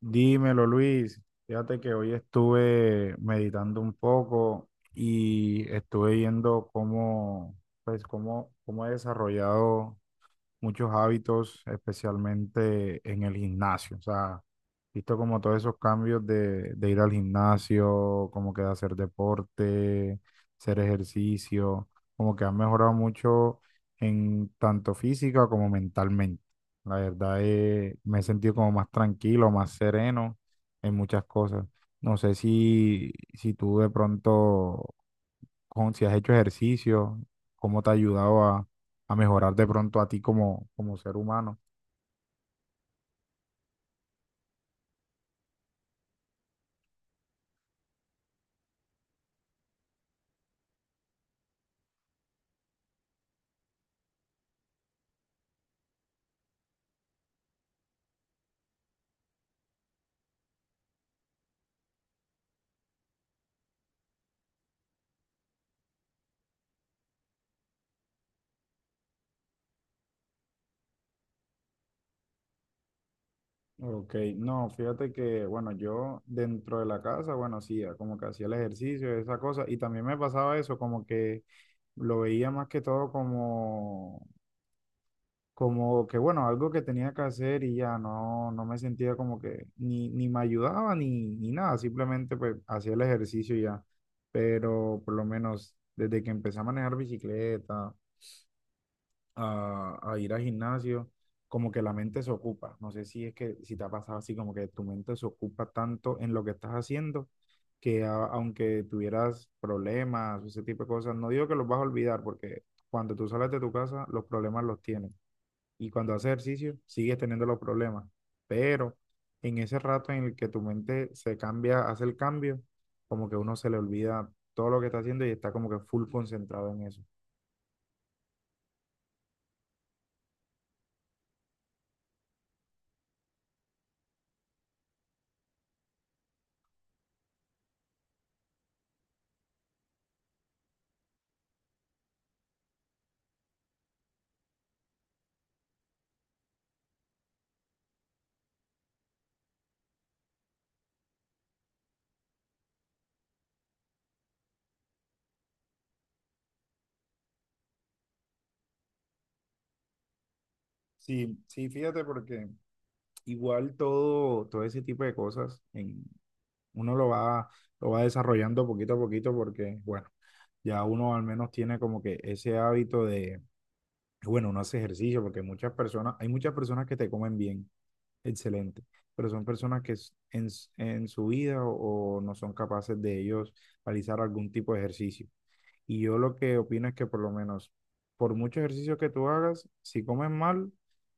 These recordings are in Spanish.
Dímelo, Luis. Fíjate que hoy estuve meditando un poco y estuve viendo cómo, pues, cómo he desarrollado muchos hábitos, especialmente en el gimnasio. O sea, visto como todos esos cambios de ir al gimnasio, como que de hacer deporte, hacer ejercicio, como que han mejorado mucho en tanto física como mentalmente. La verdad es, me he sentido como más tranquilo, más sereno en muchas cosas. No sé si tú de pronto, si has hecho ejercicio, cómo te ha ayudado a mejorar de pronto a ti como, como ser humano. Ok, no, fíjate que, bueno, yo dentro de la casa, bueno, hacía como que hacía el ejercicio, esa cosa, y también me pasaba eso, como que lo veía más que todo como, como que, bueno, algo que tenía que hacer y ya no, no me sentía como que ni me ayudaba ni nada, simplemente pues hacía el ejercicio y ya, pero por lo menos desde que empecé a manejar bicicleta, a ir al gimnasio, como que la mente se ocupa. No sé si es que si te ha pasado así, como que tu mente se ocupa tanto en lo que estás haciendo, que aunque tuvieras problemas, ese tipo de cosas, no digo que los vas a olvidar, porque cuando tú sales de tu casa, los problemas los tienes. Y cuando haces ejercicio, sigues teniendo los problemas. Pero en ese rato en el que tu mente se cambia, hace el cambio, como que uno se le olvida todo lo que está haciendo y está como que full concentrado en eso. Sí, sí, fíjate porque igual todo ese tipo de cosas en, uno lo va desarrollando poquito a poquito porque, bueno, ya uno al menos tiene como que ese hábito de, bueno, uno hace ejercicio porque muchas personas, hay muchas personas que te comen bien, excelente, pero son personas que en su vida o no son capaces de ellos realizar algún tipo de ejercicio. Y yo lo que opino es que por lo menos, por mucho ejercicio que tú hagas, si comes mal,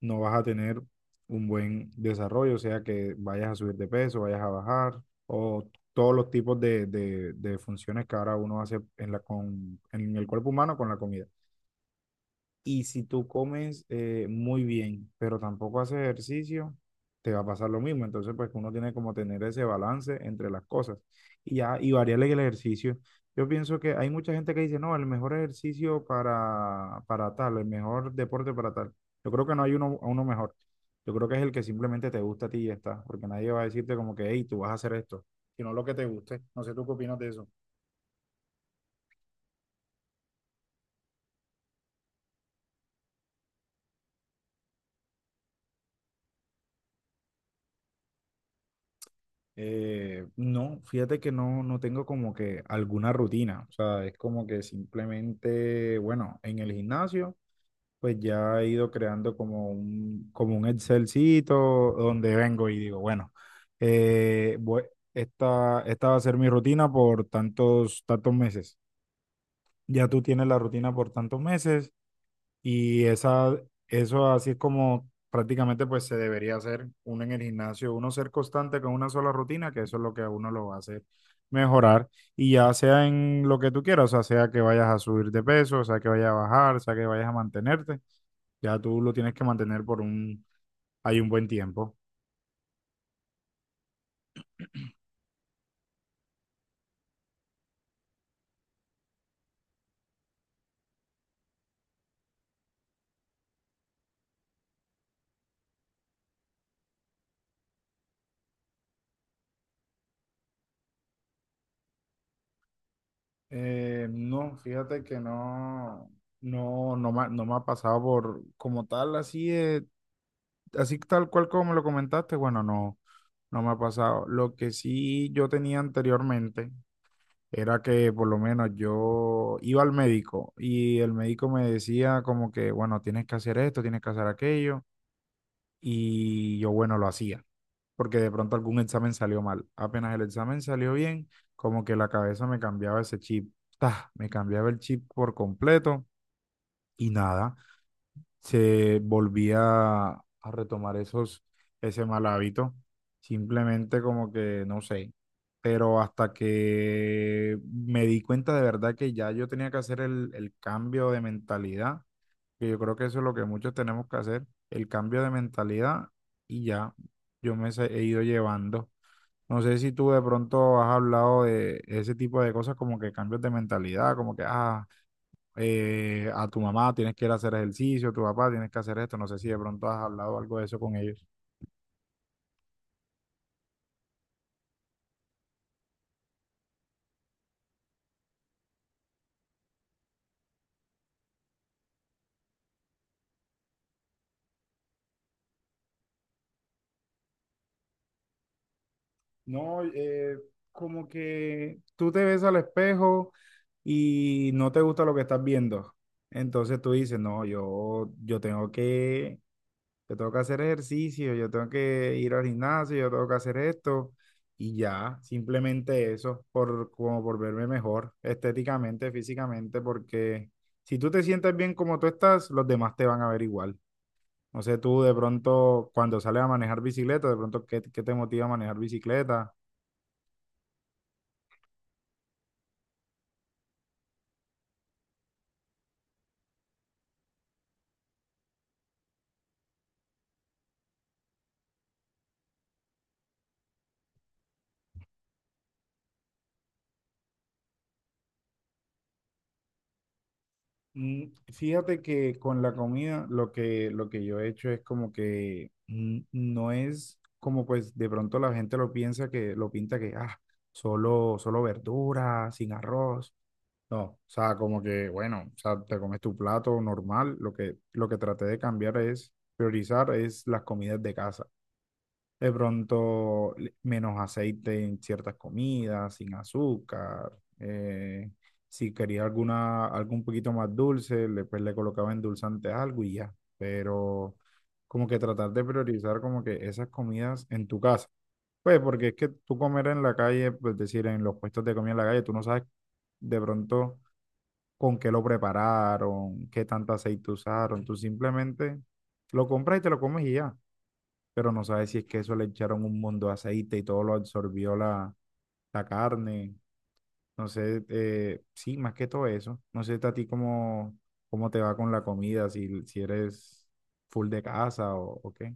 no vas a tener un buen desarrollo, o sea que vayas a subir de peso, vayas a bajar, o todos los tipos de funciones que ahora uno hace en la, con, en el cuerpo humano con la comida. Y si tú comes muy bien, pero tampoco haces ejercicio, te va a pasar lo mismo. Entonces, pues uno tiene como tener ese balance entre las cosas y ya, y variarle el ejercicio. Yo pienso que hay mucha gente que dice, no, el mejor ejercicio para tal, el mejor deporte para tal. Yo creo que no hay uno mejor. Yo creo que es el que simplemente te gusta a ti y ya está, porque nadie va a decirte como que, hey, tú vas a hacer esto, sino lo que te guste. No sé tú qué opinas de eso. No, fíjate que no, no tengo como que alguna rutina, o sea, es como que simplemente, bueno, en el gimnasio, pues ya he ido creando como un Excelcito donde vengo y digo, bueno, eh, voy- esta, esta va a ser mi rutina por tantos, tantos meses. Ya tú tienes la rutina por tantos meses y esa, eso así es como prácticamente pues se debería hacer uno en el gimnasio, uno ser constante con una sola rutina, que eso es lo que a uno lo va a hacer mejorar. Y ya sea en lo que tú quieras, o sea, sea que vayas a subir de peso, sea que vayas a bajar, sea que vayas a mantenerte, ya tú lo tienes que mantener por un, hay un buen tiempo. No, fíjate que no me, no me ha pasado por como tal así de así tal cual como me lo comentaste, bueno, no, no me ha pasado. Lo que sí yo tenía anteriormente era que por lo menos yo iba al médico y el médico me decía como que, bueno, tienes que hacer esto, tienes que hacer aquello, y yo, bueno, lo hacía, porque de pronto algún examen salió mal. Apenas el examen salió bien, como que la cabeza me cambiaba ese chip, ¡tah! Me cambiaba el chip por completo y nada se volvía a retomar ese mal hábito, simplemente como que no sé, pero hasta que me di cuenta de verdad que ya yo tenía que hacer el cambio de mentalidad, que yo creo que eso es lo que muchos tenemos que hacer, el cambio de mentalidad y ya yo he ido llevando. No sé si tú de pronto has hablado de ese tipo de cosas como que cambios de mentalidad, como que, ah, a tu mamá tienes que ir a hacer ejercicio, a tu papá tienes que hacer esto. No sé si de pronto has hablado algo de eso con ellos. No, como que tú te ves al espejo y no te gusta lo que estás viendo. Entonces tú dices, no, yo tengo que hacer ejercicio, yo tengo que ir al gimnasio, yo tengo que hacer esto. Y ya, simplemente eso, por, como por verme mejor estéticamente, físicamente, porque si tú te sientes bien como tú estás, los demás te van a ver igual. No sé tú de pronto cuando sales a manejar bicicleta, de pronto qué, qué te motiva a manejar bicicleta. Mm, fíjate que con la comida lo que yo he hecho es como que mm, no es como pues de pronto la gente lo piensa que lo pinta que ah, solo verdura, sin arroz. No, o sea, como que bueno, o sea, te comes tu plato normal. Lo que traté de cambiar es priorizar es las comidas de casa. De pronto, menos aceite en ciertas comidas, sin azúcar. Eh, si quería alguna, algo un poquito más dulce, le, pues le colocaba endulzante a algo y ya. Pero como que tratar de priorizar como que esas comidas en tu casa. Pues porque es que tú comer en la calle, pues decir, en los puestos de comida en la calle, tú no sabes de pronto con qué lo prepararon, qué tanto aceite usaron. Tú simplemente lo compras y te lo comes y ya, pero no sabe si es que eso le echaron un montón de aceite y todo lo absorbió la carne. No sé, sí, más que todo eso. No sé a ti cómo, cómo te va con la comida, si eres full de casa o qué.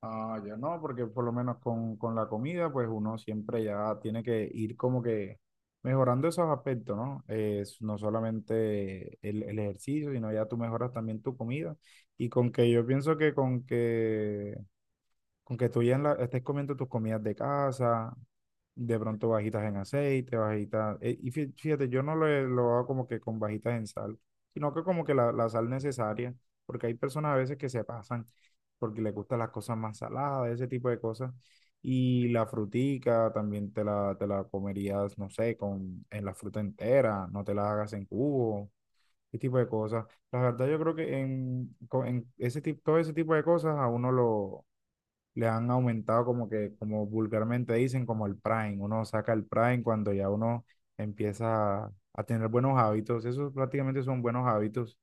Ah, yo no, porque por lo menos con la comida, pues uno siempre ya tiene que ir como que mejorando esos aspectos, ¿no? Es no solamente el ejercicio, sino ya tú mejoras también tu comida. Y con que yo pienso que con que con que tú ya estés comiendo tus comidas de casa, de pronto bajitas en aceite, bajitas. Eh, y fíjate, yo no lo, lo hago como que con bajitas en sal, sino que como que la sal necesaria, porque hay personas a veces que se pasan porque les gustan las cosas más saladas, ese tipo de cosas. Y la frutica también te la comerías, no sé, con, en la fruta entera, no te la hagas en cubo, ese tipo de cosas. La verdad, yo creo que en, en ese tipo, todo ese tipo de cosas a uno lo le han aumentado como que, como vulgarmente dicen, como el prime. Uno saca el prime cuando ya uno empieza a tener buenos hábitos. Esos prácticamente son buenos hábitos.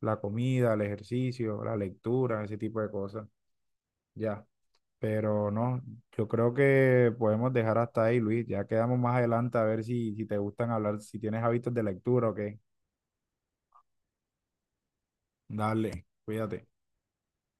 La comida, el ejercicio, la lectura, ese tipo de cosas. Ya. Pero no, yo creo que podemos dejar hasta ahí, Luis. Ya quedamos más adelante a ver si te gustan hablar, si tienes hábitos de lectura o qué. Dale, cuídate.